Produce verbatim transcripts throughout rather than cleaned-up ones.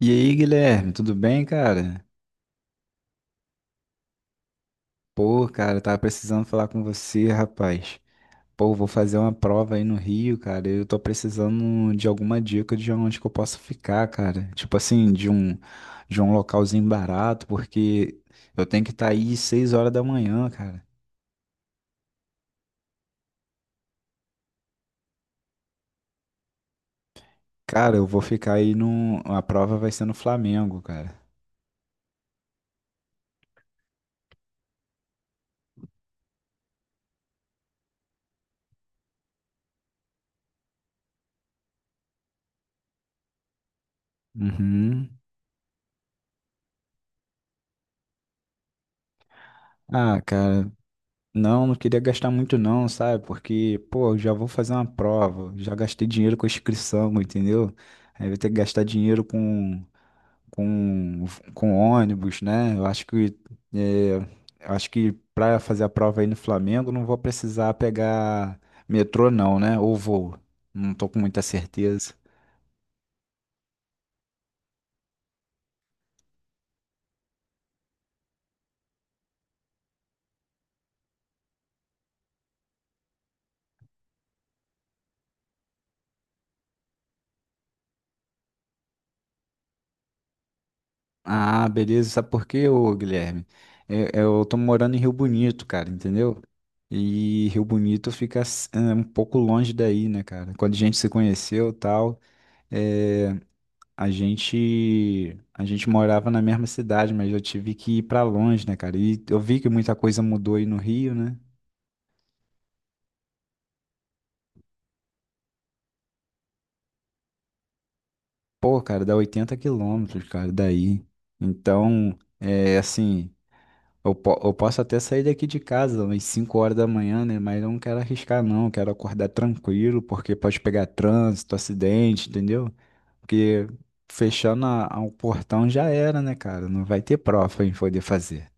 E aí, Guilherme, tudo bem, cara? Pô, cara, eu tava precisando falar com você, rapaz. Pô, vou fazer uma prova aí no Rio, cara. Eu tô precisando de alguma dica de onde que eu posso ficar, cara. Tipo assim, de um de um localzinho barato, porque eu tenho que estar aí seis horas da manhã, cara. Cara, eu vou ficar aí no. A prova vai ser no Flamengo, cara. Uhum. Ah, cara, não, não queria gastar muito não, sabe? Porque, pô, eu já vou fazer uma prova, já gastei dinheiro com inscrição, entendeu? Aí vou ter que gastar dinheiro com, com, com ônibus, né? Eu acho que, é, eu acho que pra fazer a prova aí no Flamengo, não vou precisar pegar metrô não, né? Ou voo. Não tô com muita certeza. Ah, beleza. Sabe por quê, ô Guilherme? É- é, Eu, tô morando em Rio Bonito, cara, entendeu? E Rio Bonito fica s- é, um pouco longe daí, né, cara? Quando a gente se conheceu e tal, é, a gente, a gente morava na mesma cidade, mas eu tive que ir pra longe, né, cara? E eu vi que muita coisa mudou aí no Rio, né? Pô, cara, dá oitenta quilômetros, cara, daí. Então, é assim. Eu, po- eu posso até sair daqui de casa umas cinco horas da manhã, né? Mas eu não quero arriscar, não. Eu quero acordar tranquilo, porque pode pegar trânsito, acidente, entendeu? Porque fechando a, a- o portão já era, né, cara? Não vai ter prova pra gente poder fazer.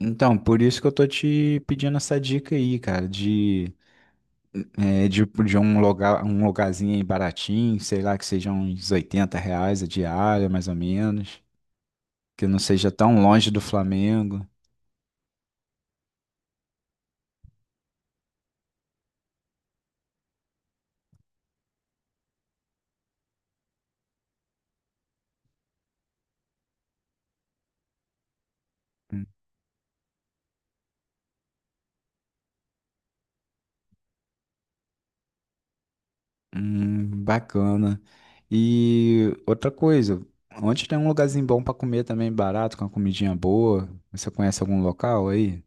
Então, por isso que eu tô te pedindo essa dica aí, cara, de, é, de, de um lugar, um lugarzinho aí baratinho, sei lá, que seja uns oitenta reais a diária, mais ou menos. Que não seja tão longe do Flamengo. Hum, bacana. E outra coisa, onde tem um lugarzinho bom pra comer também, barato, com uma comidinha boa? Você conhece algum local aí?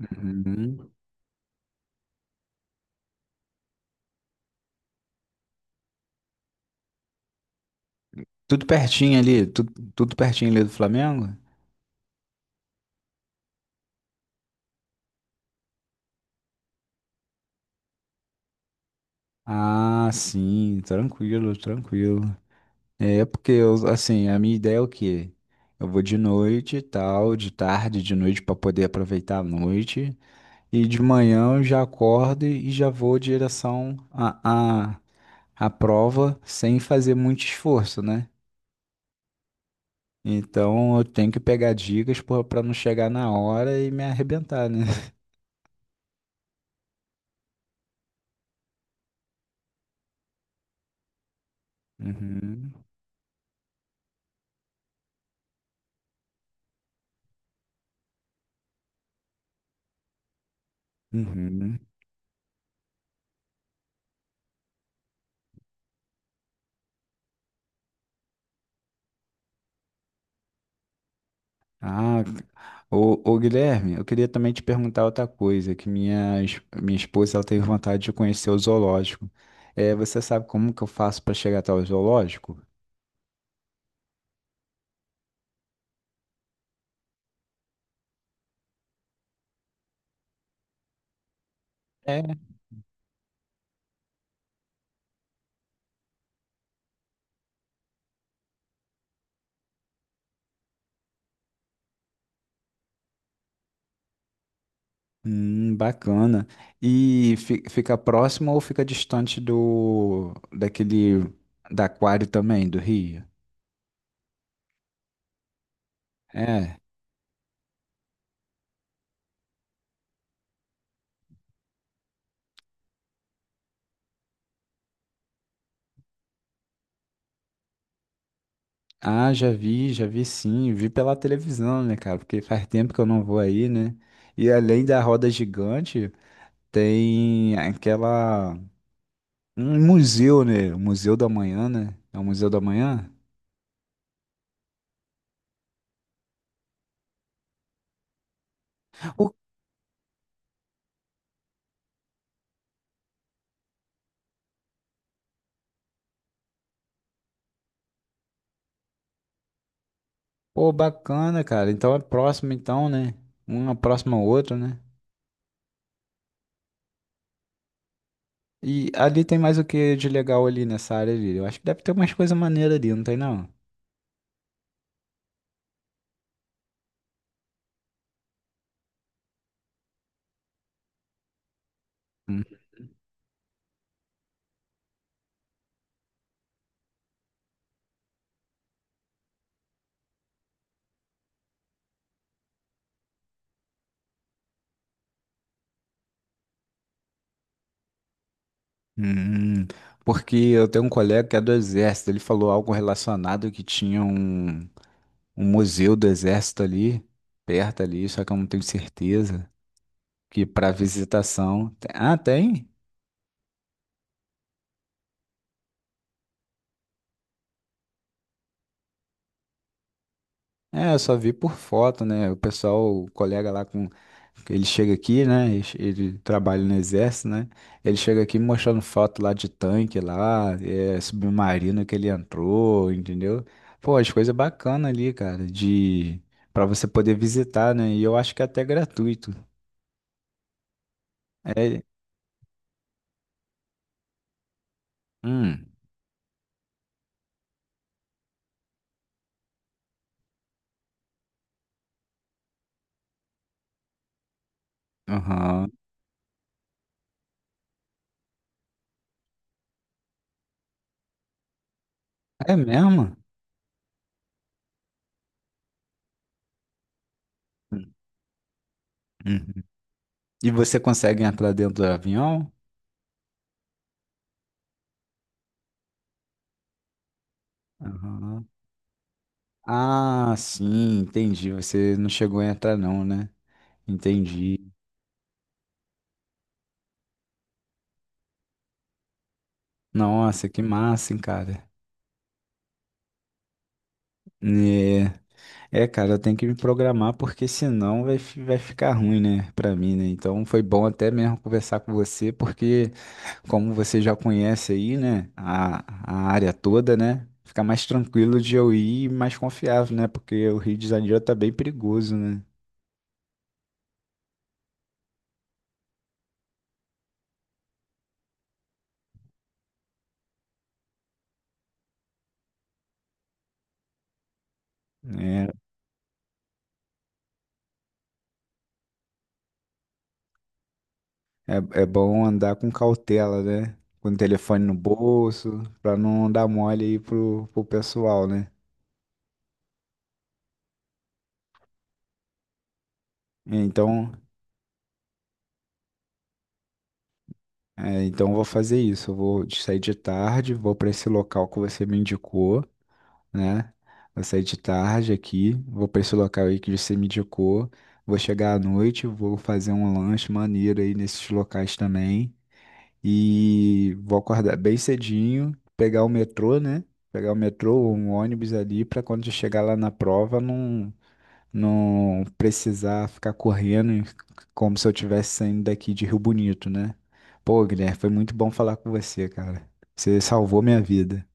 Uhum. Tudo pertinho ali, tudo, tudo pertinho ali do Flamengo? Ah, sim, tranquilo, tranquilo. É porque eu, assim, a minha ideia é o quê? Eu vou de noite e tal, de tarde, de noite pra poder aproveitar a noite. E de manhã eu já acordo e já vou em direção à à à prova sem fazer muito esforço, né? Então eu tenho que pegar dicas para não chegar na hora e me arrebentar, né? Uhum, uhum. Ah, ô, ô Guilherme, eu queria também te perguntar outra coisa, que minha, es- minha esposa ela teve vontade de conhecer o zoológico. É, você sabe como que eu faço para chegar até o zoológico? Hum, bacana. E fi- fica próximo ou fica distante do daquele da aquário também, do Rio? É. Ah, já vi, já vi sim, vi pela televisão, né, cara? Porque faz tempo que eu não vou aí, né? E além da roda gigante, tem aquela um museu, né? O Museu da Manhã, né? É o Museu da Manhã? Ô, pô, bacana, cara. Então é próximo então, né? Uma próxima a outra, né? E ali tem mais o que de legal ali nessa área ali? Eu acho que deve ter umas coisas maneiras ali, não tem não? Hum, hum, porque eu tenho um colega que é do exército, ele falou algo relacionado que tinha um, um museu do exército ali, perto ali, só que eu não tenho certeza, que para visitação... Ah, tem? É, eu só vi por foto, né? O pessoal, o colega lá com. Ele chega aqui, né? Ele ele trabalha no exército, né? Ele chega aqui mostrando foto lá de tanque lá, é, submarino que ele entrou, entendeu? Pô, as coisas bacanas ali, cara, de para você poder visitar, né? E eu acho que é até gratuito. É, hum, aham. É mesmo? Hum, Uhum. E você consegue entrar dentro do avião? Aham. Ah, sim, entendi. Você não chegou a entrar não, né? Entendi. Nossa, que massa, hein, cara. Né, é, cara, eu tenho que me programar porque senão vai, fi- vai ficar ruim, né, pra mim, né? Então foi bom até mesmo conversar com você, porque como você já conhece aí, né, a, a área toda, né, fica mais tranquilo de eu ir e mais confiável, né? Porque o Rio de Janeiro tá bem perigoso, né? É, é, é bom andar com cautela, né? Com o telefone no bolso, pra não dar mole aí pro, pro pessoal, né? Então. É, então eu vou fazer isso. Eu vou de- sair de tarde, vou para esse local que você me indicou, né? Vou sair de tarde aqui, vou para esse local aí que você me indicou. Vou chegar à noite, vou fazer um lanche maneiro aí nesses locais também. E vou acordar bem cedinho, pegar o metrô, né? Pegar o metrô ou um ônibus ali para quando eu chegar lá na prova não, não precisar ficar correndo como se eu estivesse saindo daqui de Rio Bonito, né? Pô, Guilherme, foi muito bom falar com você, cara. Você salvou minha vida.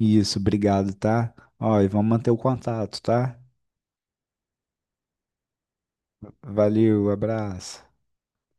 Isso, obrigado, tá? Ó, e vamos manter o contato, tá? Valeu, abraço.